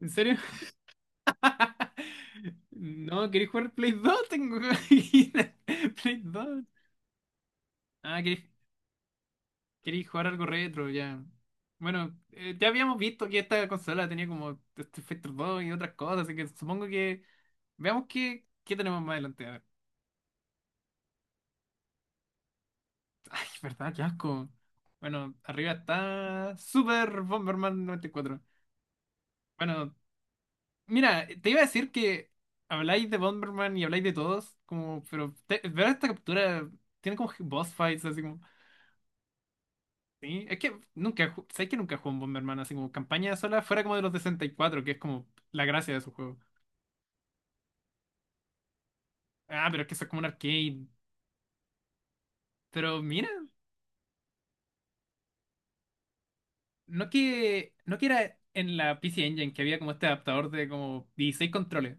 ¿En serio? No, ¿queréis jugar Play 2? Tengo aquí Play 2. Ah, ¿queréis jugar algo retro? Ya. Bueno, ya habíamos visto que esta consola tenía como Street Fighter 2 y otras cosas, así que supongo que veamos qué tenemos más adelante. A ver. Ay, verdad, qué asco. Bueno, arriba está Super Bomberman 94. Bueno, mira, te iba a decir que habláis de Bomberman y habláis de todos, como, pero ver esta captura tiene como boss fights, así como. Sí, es que nunca, sé que nunca jugué un Bomberman, así como campaña sola, fuera como de los de 64 que es como la gracia de su juego. Ah, pero es que eso es como un arcade. Pero mira, no que era en la PC Engine que había como este adaptador de como 16 controles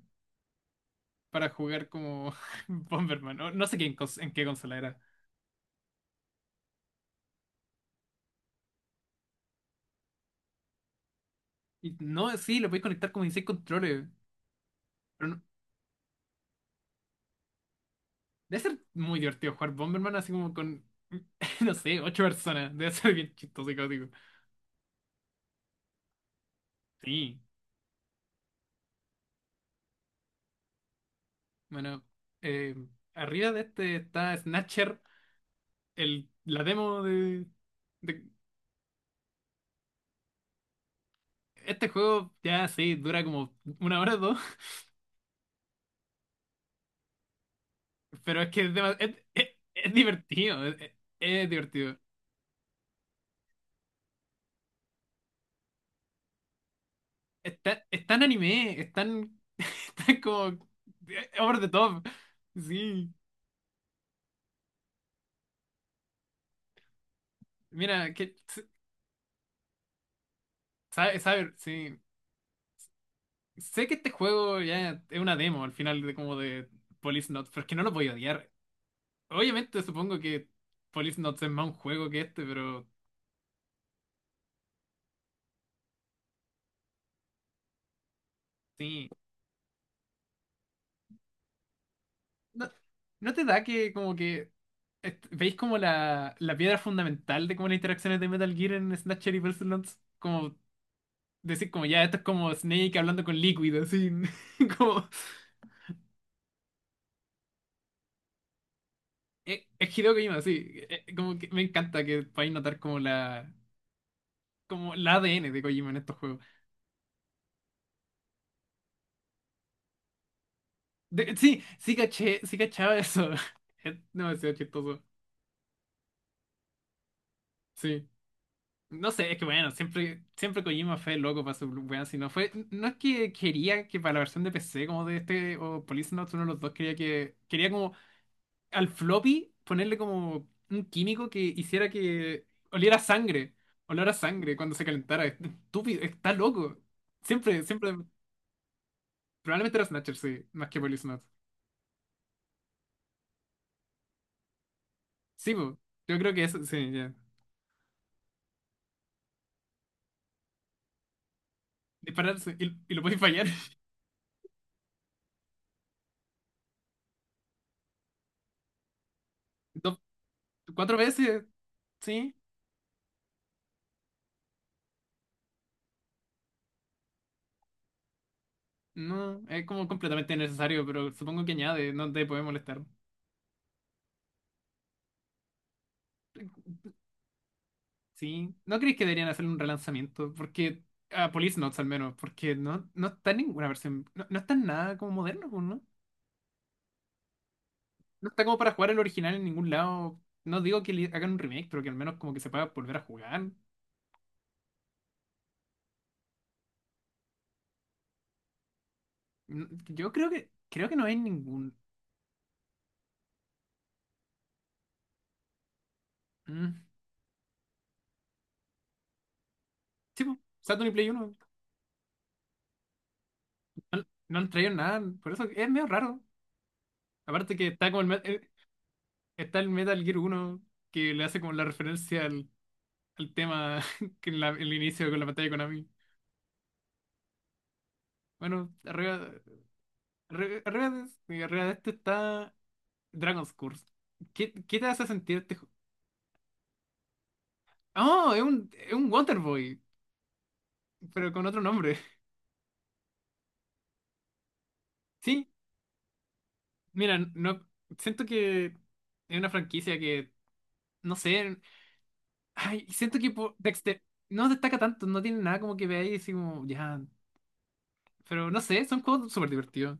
para jugar como Bomberman. No, no sé qué en qué consola era. Y no, sí, lo podéis conectar como 16 controles. Debe ser muy divertido jugar Bomberman así como con, no sé, 8 personas. Debe ser bien chistoso y caótico. Sí, bueno, eh, arriba de este está Snatcher, la demo de. Este juego ya sí, dura como una hora o dos, pero es que es, es divertido, es divertido. Está, es tan anime, están están como over the top. Sí, mira, que, sabe, sabe, sí. Sé que este juego ya es una demo al final de como de Police Notes, pero es que no lo voy a odiar. Obviamente supongo que Police Notes es más un juego que este, pero sí. ¿No, no te da que como que veis como la piedra fundamental de como las interacciones de Metal Gear en Snatcher y Police Notes? Como decir como ya, esto es como Snake hablando con Liquid, así. Como... Es Hideo Kojima, sí. Como que me encanta que podáis notar como la ADN de Kojima en estos juegos. Sí, sí caché, sí cachaba eso. Es demasiado chistoso. Sí. No sé, es que bueno, siempre, siempre Kojima fue loco para su weón, si no fue. No es que quería que para la versión de PC como de este o Police Notes, uno de los dos quería que. Quería como al floppy ponerle como un químico que hiciera que oliera sangre. Olor a sangre cuando se calentara. Es estúpido, está loco. Siempre, siempre. Probablemente era Snatcher, sí, más que Police Notes. Sí, po. Yo creo que eso, sí, ya. Dispararse y lo podéis fallar. Cuatro veces, sí. No, es como completamente innecesario, pero supongo que añade, no te puede molestar. Sí. ¿No crees que deberían hacer un relanzamiento? Porque, a Police Notes al menos, porque no, no está en ninguna versión, no, no está en nada como moderno, pues, ¿no? No está como para jugar el original en ningún lado. No digo que le hagan un remake, pero que al menos como que se pueda volver a jugar. Mm, yo creo que no hay ningún. Mm. Sí, pues, Saturn y Play 1. No, no han traído nada, por eso es medio raro. Aparte que está como el, me- Está el Metal Gear 1 que le hace como la referencia al, al tema que en el inicio con la pantalla de Konami. Bueno, sí, arriba de esto está Dragon's Curse. ¿Qué, qué te hace sentir este juego? ¡Oh! Es un Wonderboy, pero con otro nombre. Sí, mira, no, siento que es una franquicia que, no sé, ay, siento que no destaca tanto, no tiene nada como que veáis y así como, ya, pero no sé, son juegos súper divertidos.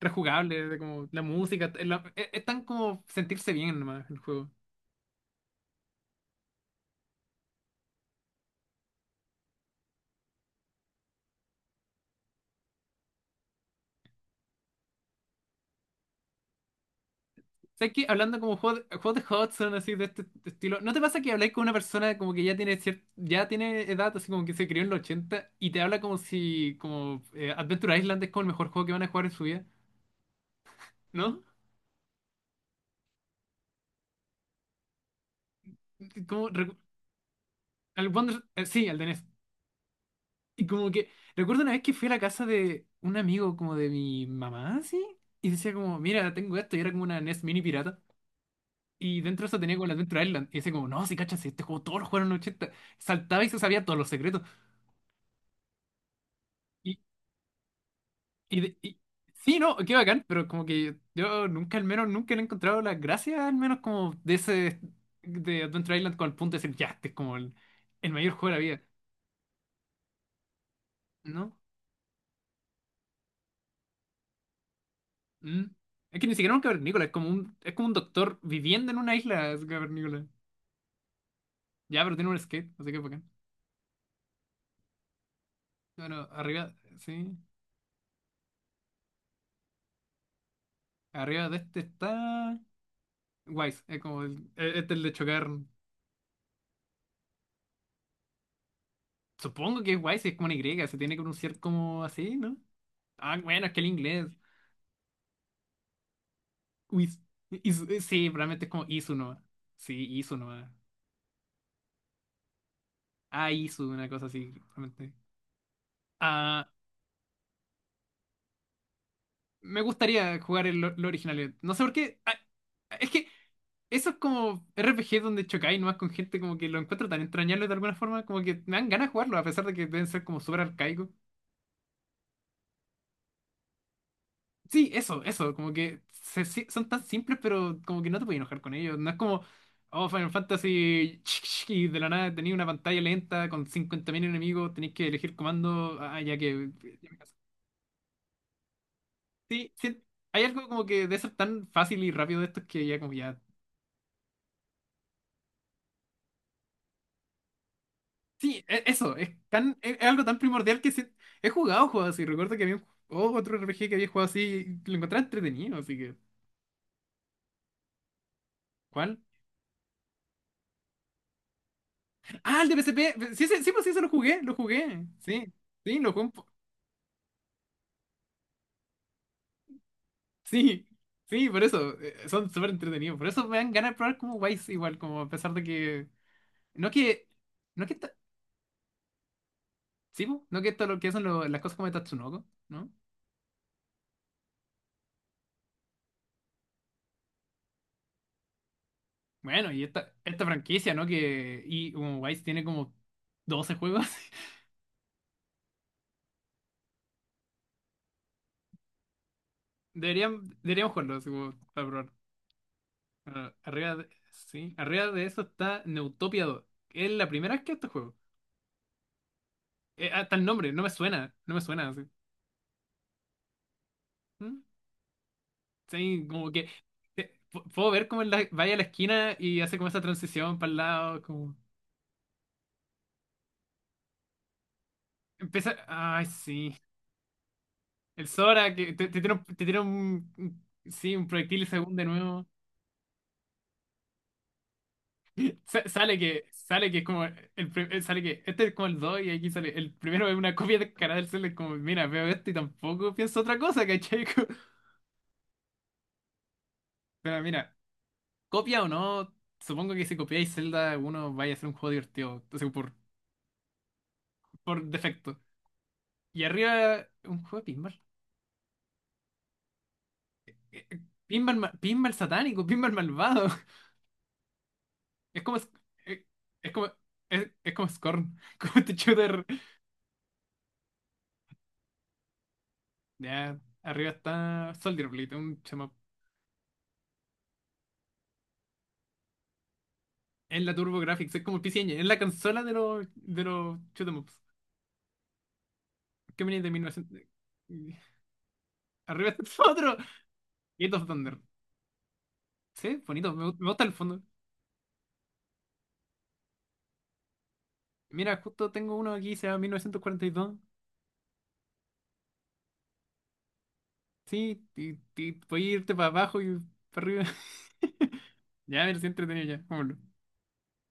Rejugable, de como la música, es tan como sentirse bien nomás el juego. ¿Sabes qué? Hablando como juego de, juegos de Hudson, así de este estilo, ¿no te pasa que habláis con una persona como que ya tiene ya tiene edad, así como que se crió en los 80 y te habla como si como Adventure Island es como el mejor juego que van a jugar en su vida? ¿No? Como recu- al Wonder- Sí, al de NES. Y como que recuerdo una vez que fui a la casa de un amigo como de mi mamá, así, y decía como, mira, tengo esto, y era como una NES mini pirata. Y dentro de eso tenía como el Adventure Island. Y decía como, no, si cachas, si este juego todos los jugaron en los 80. Saltaba y se sabía todos los secretos. Y, y, de- y- sí, no, qué bacán, pero como que yo nunca, al menos, nunca le he encontrado la gracia, al menos como de ese, de Adventure Island con el punto de decir, ya, este es como el mayor juego de la vida. ¿No? Mm. Es que ni siquiera un cavernícola, es como un doctor viviendo en una isla, es un cavernícola. Ya, pero tiene un skate, así que bacán. Bueno, arriba, sí. Arriba de este está... Wise, es como este es el de chocar. Supongo que es guay si es como una Y, se tiene que pronunciar como así, ¿no? Ah, bueno, es que el inglés. Uis- sí, realmente es como Isu nomás. Sí, Isu nomás. Ah, Isu, una cosa así, realmente. Ah, me gustaría jugar el, lo original. No sé por qué. Es que eso es como RPG donde chocáis nomás con gente como que lo encuentro tan entrañable de alguna forma, como que me dan ganas de jugarlo, a pesar de que deben ser como súper arcaicos. Sí, eso, como que son tan simples, pero como que no te puedes enojar con ellos. No es como, oh, Final Fantasy, y de la nada tenéis una pantalla lenta con 50.000 enemigos, tenéis que elegir comando, ah, ya que... ya me cansé. Sí, sí, hay algo como que de ser tan fácil y rápido de estos que ya como ya... Sí, eso, es tan, es algo tan primordial que sí- he jugado juegos así. Recuerdo que había un, oh, otro RPG que había jugado así y lo encontraba entretenido, así que... ¿Cuál? Ah, el de PSP. Sí, sí, pues sí, se lo jugué, lo jugué. Sí. Sí, lo jugué, sí, sí, por eso, son súper entretenidos. Por eso me dan ganas de probar como Wise igual, como a pesar de que... No que... No que esta... Sí, po, no que esto lo que son lo- las cosas como de Tatsunoko, ¿no? Bueno, y esta franquicia, ¿no? Que... Y como Wise tiene como 12 juegos. Deberían, deberíamos jugarlos, como, para probar. Ah, arriba de... Sí, arriba de eso está Neutopia 2. Es la primera vez que este juego. Hasta el nombre, no me suena, no me suena así. ¿Mm? Sí, como que puedo ver cómo él la- vaya a la esquina y hace como esa transición para el lado, como empieza, ay sí, el Sora que te tira un, sí, un proyectil según de nuevo. Sa- sale que es como el pri- sale que este es como el 2 y aquí sale el primero es una copia de cara del Cell, es como mira, veo esto y tampoco pienso otra cosa, ¿cachai? Pero mira, copia o no, supongo que si copiáis Zelda 1 vaya a ser un juego divertido, o sea, por defecto. Y arriba, un juego de pinball. eh, Pinball satánico, Pinball malvado. Es como. Es, eh, es como. Es como Scorn. Como este shooter. Ya, arriba está Soldier Blade, un chamo. Es la Turbo Graphics, es como el PC Engine, es la consola de los shoot 'em ups. Que venía de 1900. Arriba está otro. Gate of Thunder. Sí, bonito, me, me gusta el fondo. Mira, justo tengo uno aquí, se llama 1942. Sí, y dos. Sí, voy a irte para abajo y para arriba. Ya, me siento entretenido ya. Vámonos.